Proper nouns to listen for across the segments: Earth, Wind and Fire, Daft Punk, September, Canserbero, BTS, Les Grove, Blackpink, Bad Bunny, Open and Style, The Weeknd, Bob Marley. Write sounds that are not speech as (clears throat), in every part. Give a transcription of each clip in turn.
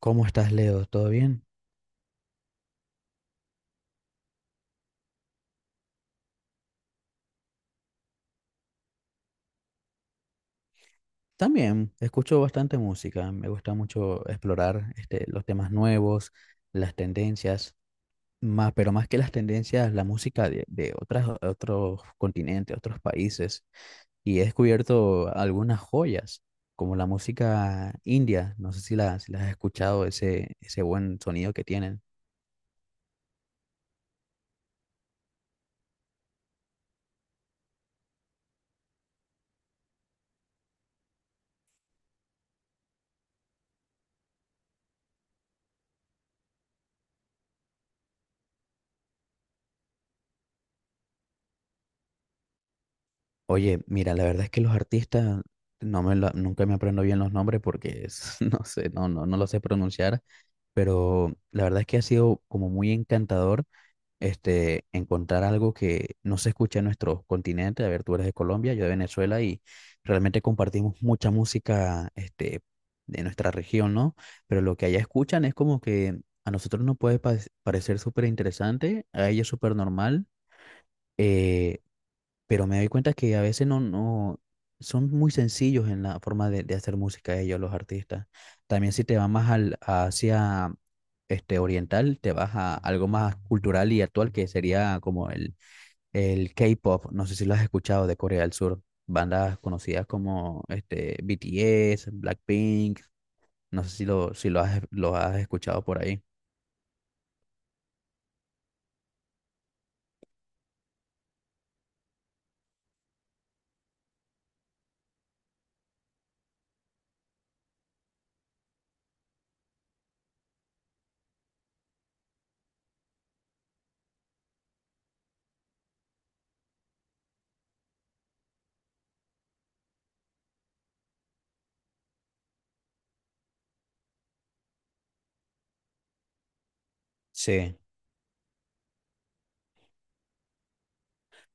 ¿Cómo estás, Leo? ¿Todo bien? También escucho bastante música. Me gusta mucho explorar los temas nuevos, las tendencias, más, pero más que las tendencias, la música de otros continentes, otros países. Y he descubierto algunas joyas, como la música india. No sé si si la has escuchado, ese buen sonido que tienen. Oye, mira, la verdad es que los artistas, nunca me aprendo bien los nombres (laughs) no sé, no lo sé pronunciar, pero la verdad es que ha sido como muy encantador, encontrar algo que no se escucha en nuestro continente. A ver, tú eres de Colombia, yo de Venezuela y realmente compartimos mucha música, de nuestra región, ¿no? Pero lo que allá escuchan es como que a nosotros nos puede parecer súper interesante, a ella súper normal. Pero me doy cuenta que a veces no son muy sencillos en la forma de hacer música ellos, los artistas. También si te vas más al, hacia oriental, te vas a algo más cultural y actual que sería como el K-pop. No sé si lo has escuchado de Corea del Sur. Bandas conocidas como BTS, Blackpink. No sé si lo has escuchado por ahí. Sí.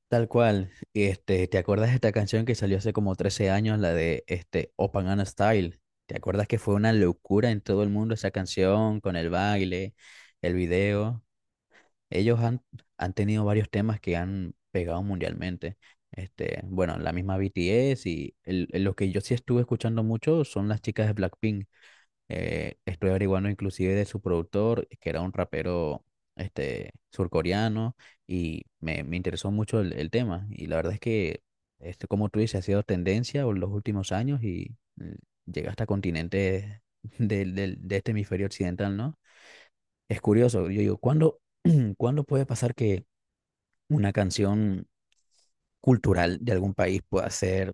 Tal cual. ¿Te acuerdas de esta canción que salió hace como 13 años, la de Open and Style? ¿Te acuerdas que fue una locura en todo el mundo esa canción, con el baile, el video? Ellos han, Han tenido varios temas que han pegado mundialmente. Este, bueno, la misma BTS y lo que yo sí estuve escuchando mucho son las chicas de Blackpink. Estuve averiguando inclusive de su productor, que era un rapero, surcoreano, y me interesó mucho el tema. Y la verdad es que, como tú dices, ha sido tendencia en los últimos años y llega hasta continentes (laughs) de este hemisferio occidental, ¿no? Es curioso, yo digo, (clears throat) ¿cuándo puede pasar que una canción cultural de algún país pueda ser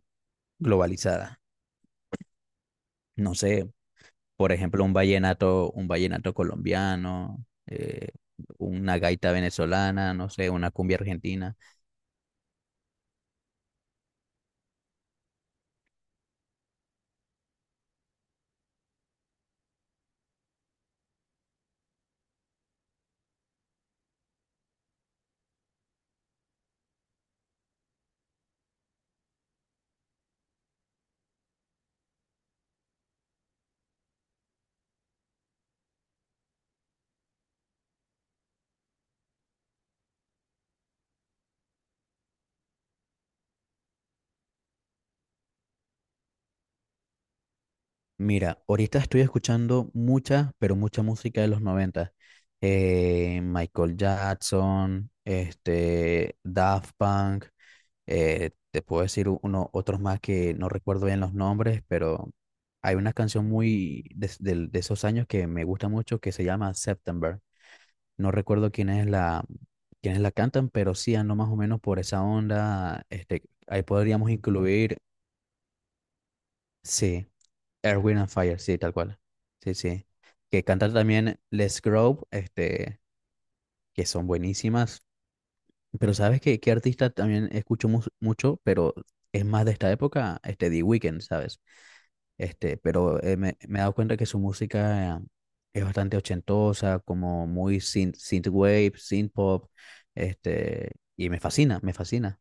globalizada? No sé. Por ejemplo, un vallenato colombiano, una gaita venezolana, no sé, una cumbia argentina. Mira, ahorita estoy escuchando mucha, pero mucha música de los 90. Michael Jackson, Daft Punk, te puedo decir uno, otros más que no recuerdo bien los nombres, pero hay una canción muy de esos años que me gusta mucho que se llama September. No recuerdo quiénes la cantan, pero sí ando más o menos por esa onda. Este, ahí podríamos incluir, sí, Earth, Wind and Fire, sí, tal cual. Sí, sí. Que cantan también Les Grove, que son buenísimas. Pero ¿sabes qué, qué artista también escucho mucho, pero es más de esta época? Este, The Weeknd, ¿sabes? Este, pero me he dado cuenta que su música es bastante ochentosa, como muy synth, synthwave, synth pop, este, y me fascina, me fascina.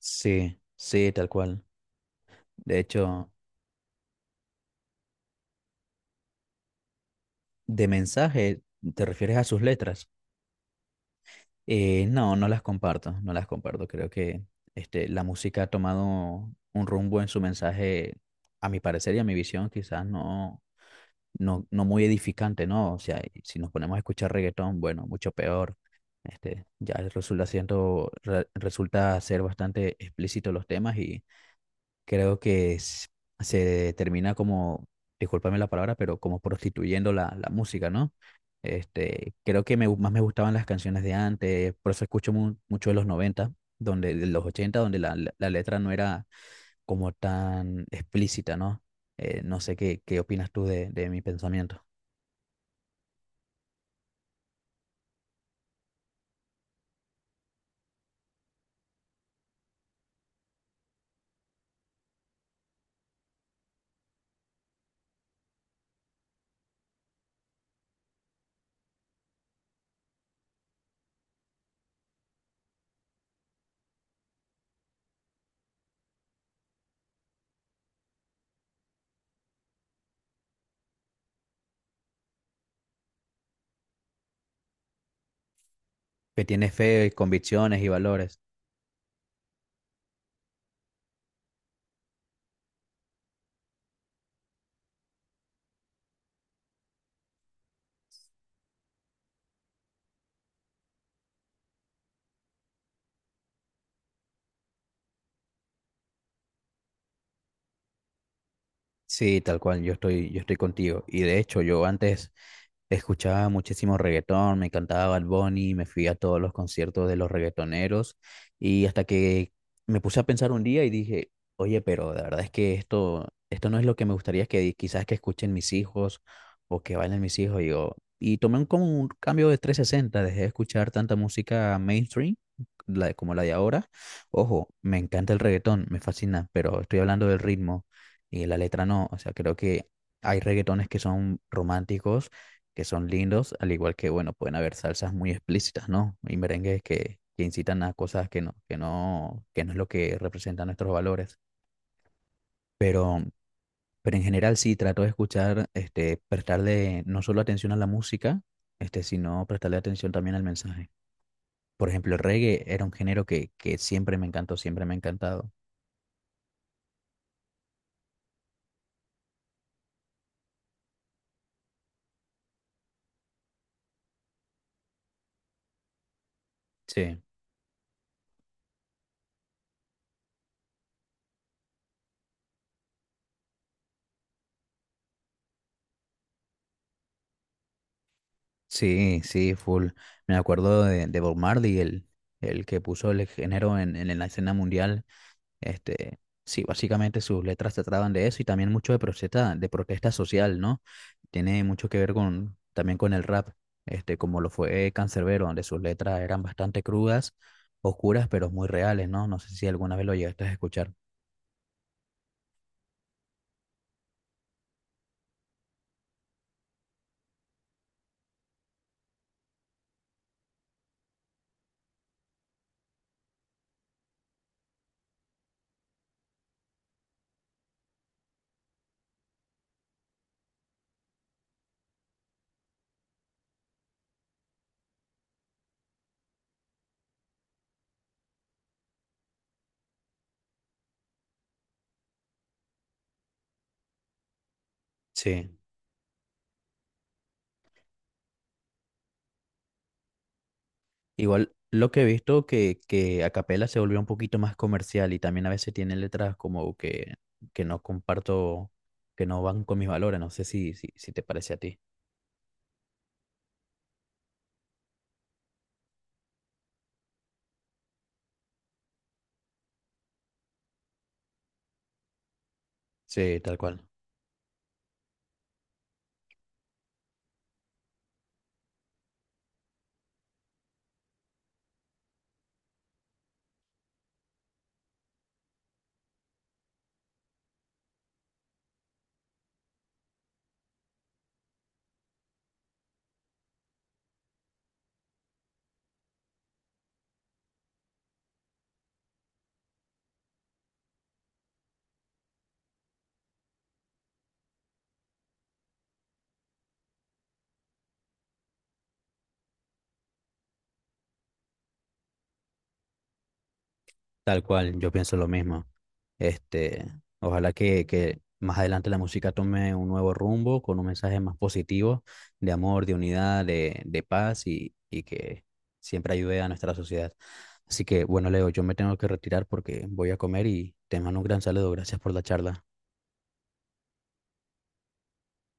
Sí, sí, tal cual. De hecho, de mensaje, ¿te refieres a sus letras? No, no las comparto, no las comparto. Creo que, la música ha tomado un rumbo en su mensaje, a mi parecer y a mi visión, quizás no muy edificante, ¿no? O sea, y si nos ponemos a escuchar reggaetón, bueno, mucho peor. Este, ya resulta siendo, resulta ser bastante explícito los temas y creo que se termina como, discúlpame la palabra, pero como prostituyendo la música, ¿no? Este, creo que más me gustaban las canciones de antes, por eso escucho mucho de los noventa, de los 80 donde la letra no era como tan explícita, ¿no? No sé qué opinas tú de mi pensamiento. Que tiene fe, convicciones y valores. Sí, tal cual, yo estoy contigo. Y de hecho, yo antes escuchaba muchísimo reggaetón, me encantaba Bad Bunny, me fui a todos los conciertos de los reggaetoneros y hasta que me puse a pensar un día y dije, oye, pero la verdad es que esto no es lo que me gustaría que quizás que escuchen mis hijos o que bailen mis hijos. Y, y tomé un, como un cambio de 360. Dejé de escuchar tanta música mainstream como la de ahora. Ojo, me encanta el reggaetón, me fascina, pero estoy hablando del ritmo y la letra no. O sea, creo que hay reggaetones que son románticos, que son lindos, al igual que, bueno, pueden haber salsas muy explícitas, ¿no? Y merengues que incitan a cosas que no es lo que representan nuestros valores. Pero, pero en general sí, trato de escuchar, prestarle no solo atención a la música, sino prestarle atención también al mensaje. Por ejemplo, el reggae era un género que siempre me encantó, siempre me ha encantado. Sí. Sí, sí, full. Me acuerdo de Bob Marley, el que puso el género en la escena mundial. Este, sí, básicamente sus letras trataban de eso y también mucho de protesta social, ¿no? Tiene mucho que ver con, también con el rap, como lo fue Canserbero, donde sus letras eran bastante crudas, oscuras, pero muy reales, ¿no? No sé si alguna vez lo llegaste a escuchar. Sí. Igual lo que he visto que a capela se volvió un poquito más comercial y también a veces tiene letras como que no comparto, que no van con mis valores. No sé si te parece a ti. Sí, tal cual. Tal cual, yo pienso lo mismo. Este, ojalá que más adelante la música tome un nuevo rumbo con un mensaje más positivo de amor, de unidad, de paz y que siempre ayude a nuestra sociedad. Así que, bueno, Leo, yo me tengo que retirar porque voy a comer y te mando un gran saludo. Gracias por la charla.